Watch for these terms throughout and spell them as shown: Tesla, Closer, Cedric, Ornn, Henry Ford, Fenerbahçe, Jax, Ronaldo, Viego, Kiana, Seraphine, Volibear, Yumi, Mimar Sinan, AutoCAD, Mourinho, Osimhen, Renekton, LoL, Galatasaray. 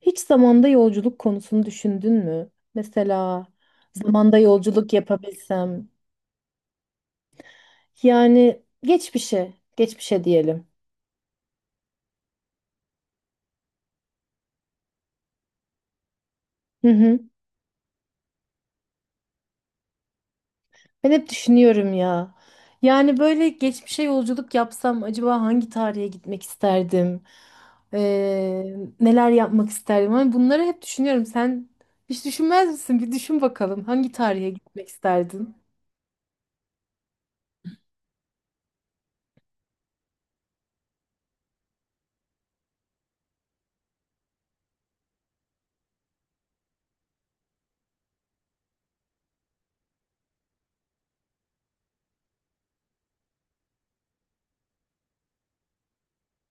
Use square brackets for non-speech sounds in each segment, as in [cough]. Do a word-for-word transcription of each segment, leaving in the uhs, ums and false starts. Hiç zamanda yolculuk konusunu düşündün mü? Mesela zamanda yolculuk yapabilsem. Yani geçmişe, geçmişe diyelim. Hı hı. Ben hep düşünüyorum ya. Yani böyle geçmişe yolculuk yapsam acaba hangi tarihe gitmek isterdim? Ee, neler yapmak isterdim? Hani bunları hep düşünüyorum. Sen hiç düşünmez misin? Bir düşün bakalım hangi tarihe gitmek isterdin?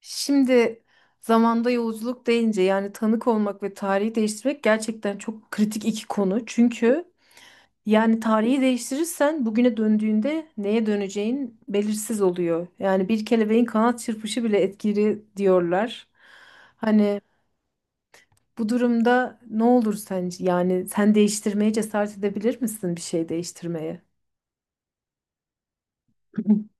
Şimdi zamanda yolculuk deyince yani tanık olmak ve tarihi değiştirmek gerçekten çok kritik iki konu. Çünkü yani tarihi değiştirirsen bugüne döndüğünde neye döneceğin belirsiz oluyor. Yani bir kelebeğin kanat çırpışı bile etkili diyorlar. Hani bu durumda ne olur sence? Yani sen değiştirmeye cesaret edebilir misin bir şey değiştirmeye? [laughs]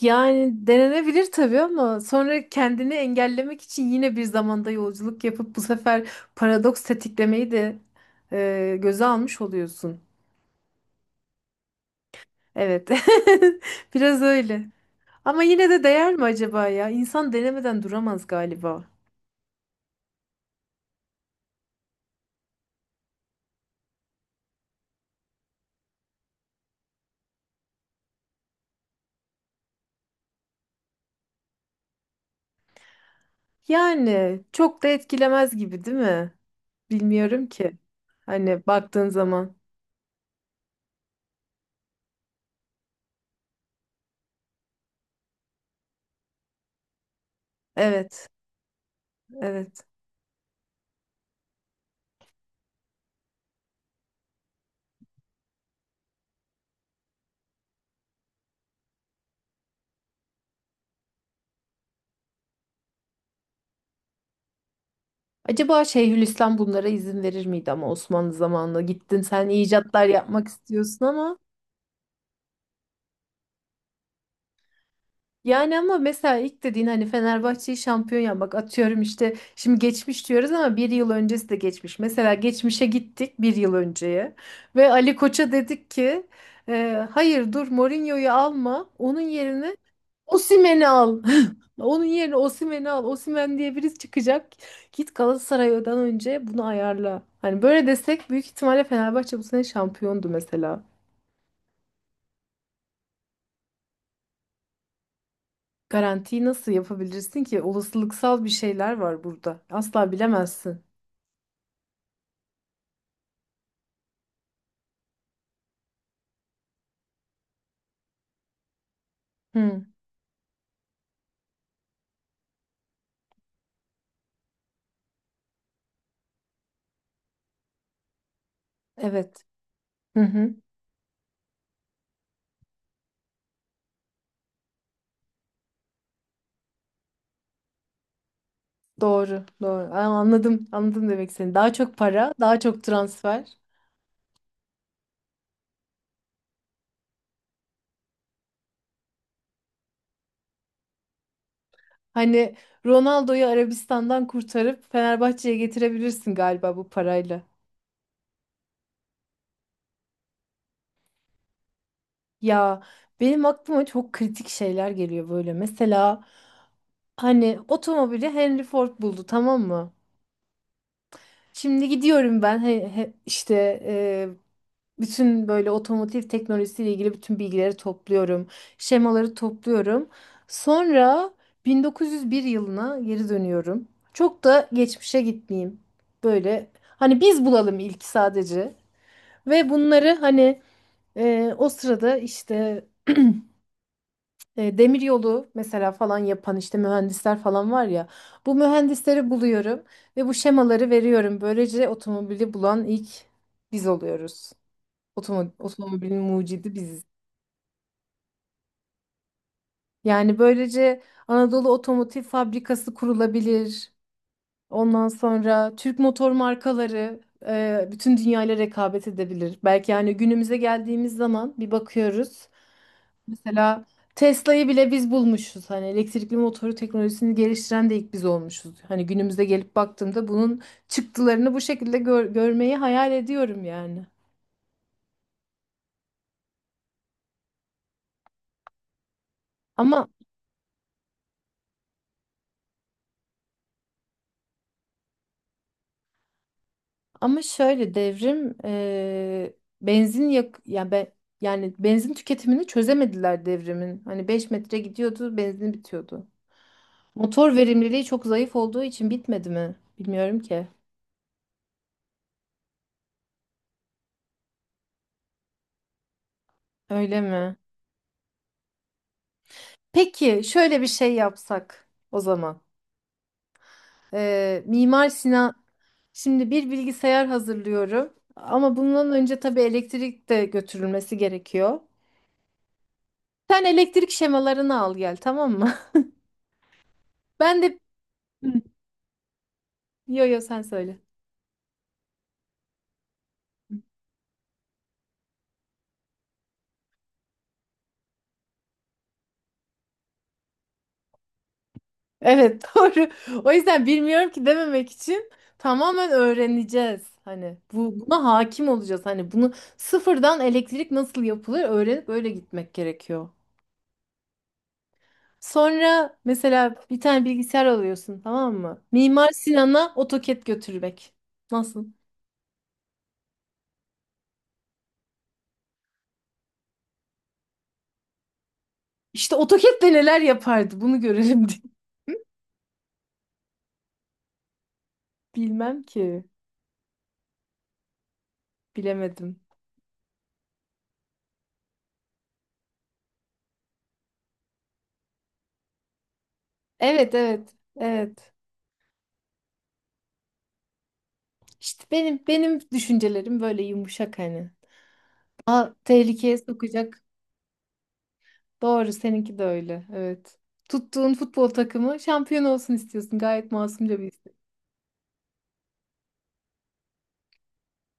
Yani denenebilir tabii ama sonra kendini engellemek için yine bir zamanda yolculuk yapıp bu sefer paradoks tetiklemeyi de e, göze almış oluyorsun. Evet. [laughs] Biraz öyle. Ama yine de değer mi acaba ya? İnsan denemeden duramaz galiba. Yani çok da etkilemez gibi değil mi? Bilmiyorum ki. Hani baktığın zaman. Evet. Evet. Acaba Şeyhülislam bunlara izin verir miydi ama Osmanlı zamanında gittin sen icatlar yapmak istiyorsun ama yani ama mesela ilk dediğin hani Fenerbahçe'yi şampiyon yapmak atıyorum işte şimdi geçmiş diyoruz ama bir yıl öncesi de geçmiş. Mesela geçmişe gittik bir yıl önceye ve Ali Koç'a dedik ki "E, hayır dur, Mourinho'yu alma, onun yerine Osimhen'i al. Onun yerine Osimhen'i al. Osimhen diye birisi çıkacak. Git Galatasaray'dan önce bunu ayarla." Hani böyle desek büyük ihtimalle Fenerbahçe bu sene şampiyondu mesela. Garantiyi nasıl yapabilirsin ki? Olasılıksal bir şeyler var burada. Asla bilemezsin. Hı, evet. Hı hı. Doğru, doğru. Aa, anladım, anladım demek seni. Daha çok para, daha çok transfer. Hani Ronaldo'yu Arabistan'dan kurtarıp Fenerbahçe'ye getirebilirsin galiba bu parayla. Ya, benim aklıma çok kritik şeyler geliyor böyle. Mesela hani otomobili Henry Ford buldu, tamam mı? Şimdi gidiyorum ben he- he- işte e, bütün böyle otomotiv teknolojisiyle ilgili bütün bilgileri topluyorum. Şemaları topluyorum. Sonra bin dokuz yüz bir yılına geri dönüyorum. Çok da geçmişe gitmeyeyim. Böyle hani biz bulalım ilk sadece. Ve bunları hani e, o sırada işte E, demir yolu mesela falan yapan işte mühendisler falan var ya. Bu mühendisleri buluyorum ve bu şemaları veriyorum. Böylece otomobili bulan ilk biz oluyoruz. Otomo- otomobilin mucidi biziz. Yani böylece Anadolu Otomotiv Fabrikası kurulabilir. Ondan sonra Türk motor markaları e, bütün dünyayla rekabet edebilir. Belki yani günümüze geldiğimiz zaman bir bakıyoruz. Mesela Tesla'yı bile biz bulmuşuz. Hani elektrikli motoru teknolojisini geliştiren de ilk biz olmuşuz. Hani günümüze gelip baktığımda bunun çıktılarını bu şekilde gör- görmeyi hayal ediyorum yani. Ama ama şöyle devrim eee, benzin yak yani ben yani benzin tüketimini çözemediler devrimin. Hani beş metre gidiyordu, benzin bitiyordu. Motor verimliliği çok zayıf olduğu için bitmedi mi? Bilmiyorum ki. Öyle mi? Peki şöyle bir şey yapsak o zaman. Ee, Mimar Sinan şimdi bir bilgisayar hazırlıyorum ama bundan önce tabii elektrik de götürülmesi gerekiyor. Sen elektrik şemalarını al gel, tamam mı? [laughs] Ben de. Hı. yo yo sen söyle. Evet, [laughs] doğru. O yüzden bilmiyorum ki dememek için tamamen öğreneceğiz. Hani bu, buna hakim olacağız. Hani bunu sıfırdan elektrik nasıl yapılır öğrenip öyle gitmek gerekiyor. Sonra mesela bir tane bilgisayar alıyorsun, tamam mı? Mimar Sinan'a AutoCAD götürmek. Nasıl? İşte AutoCAD'le neler yapardı bunu görelim [laughs] diye. Bilmem ki. Bilemedim. Evet, evet. Evet. İşte benim benim düşüncelerim böyle yumuşak hani. Aa, tehlikeye sokacak. Doğru, seninki de öyle. Evet. Tuttuğun futbol takımı şampiyon olsun istiyorsun. Gayet masumca bir istek.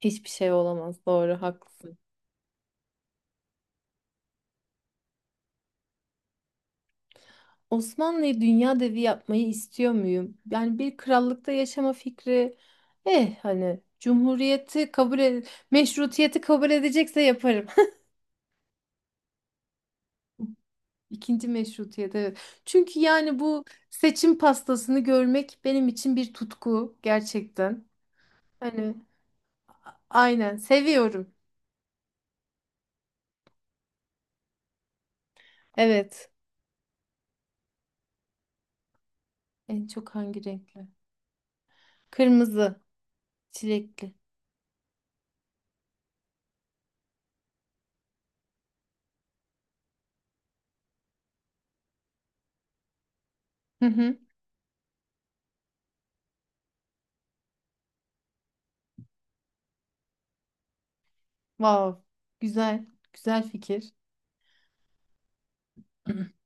Hiçbir şey olamaz. Doğru, haklısın. Osmanlı'yı dünya devi yapmayı istiyor muyum? Yani bir krallıkta yaşama fikri eh hani cumhuriyeti kabul ed- meşrutiyeti kabul edecekse yaparım. [laughs] İkinci meşrutiyet, evet. Çünkü yani bu seçim pastasını görmek benim için bir tutku gerçekten. Hani aynen seviyorum. Evet. En çok hangi renkli? Kırmızı, çilekli. Hı hı. Wow. Güzel. Güzel fikir. [clears throat]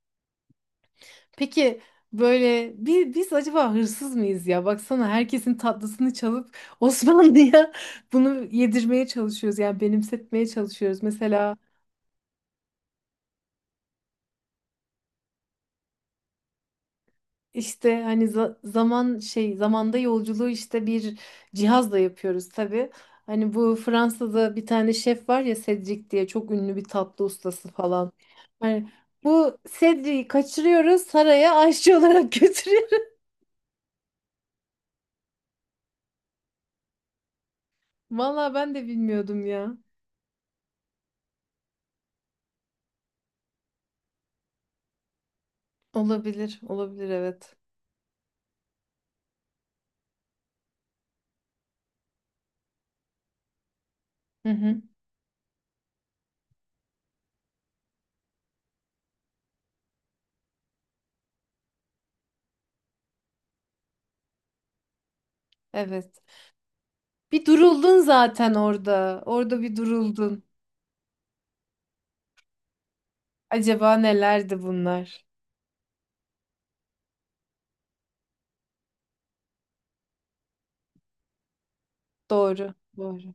Peki böyle bi- biz acaba hırsız mıyız ya? Baksana herkesin tatlısını çalıp Osmanlı'ya [laughs] bunu yedirmeye çalışıyoruz. Yani benimsetmeye çalışıyoruz. Mesela işte hani za- zaman şey zamanda yolculuğu işte bir cihazla yapıyoruz tabii. Hani bu Fransa'da bir tane şef var ya, Cedric diye çok ünlü bir tatlı ustası falan. Hani bu Cedric'i kaçırıyoruz, saraya aşçı olarak [laughs] götürüyoruz. Vallahi ben de bilmiyordum ya. Olabilir, olabilir, evet. Hı hı. Evet. Bir duruldun zaten orada. Orada bir duruldun. Acaba nelerdi bunlar? Doğru. Doğru.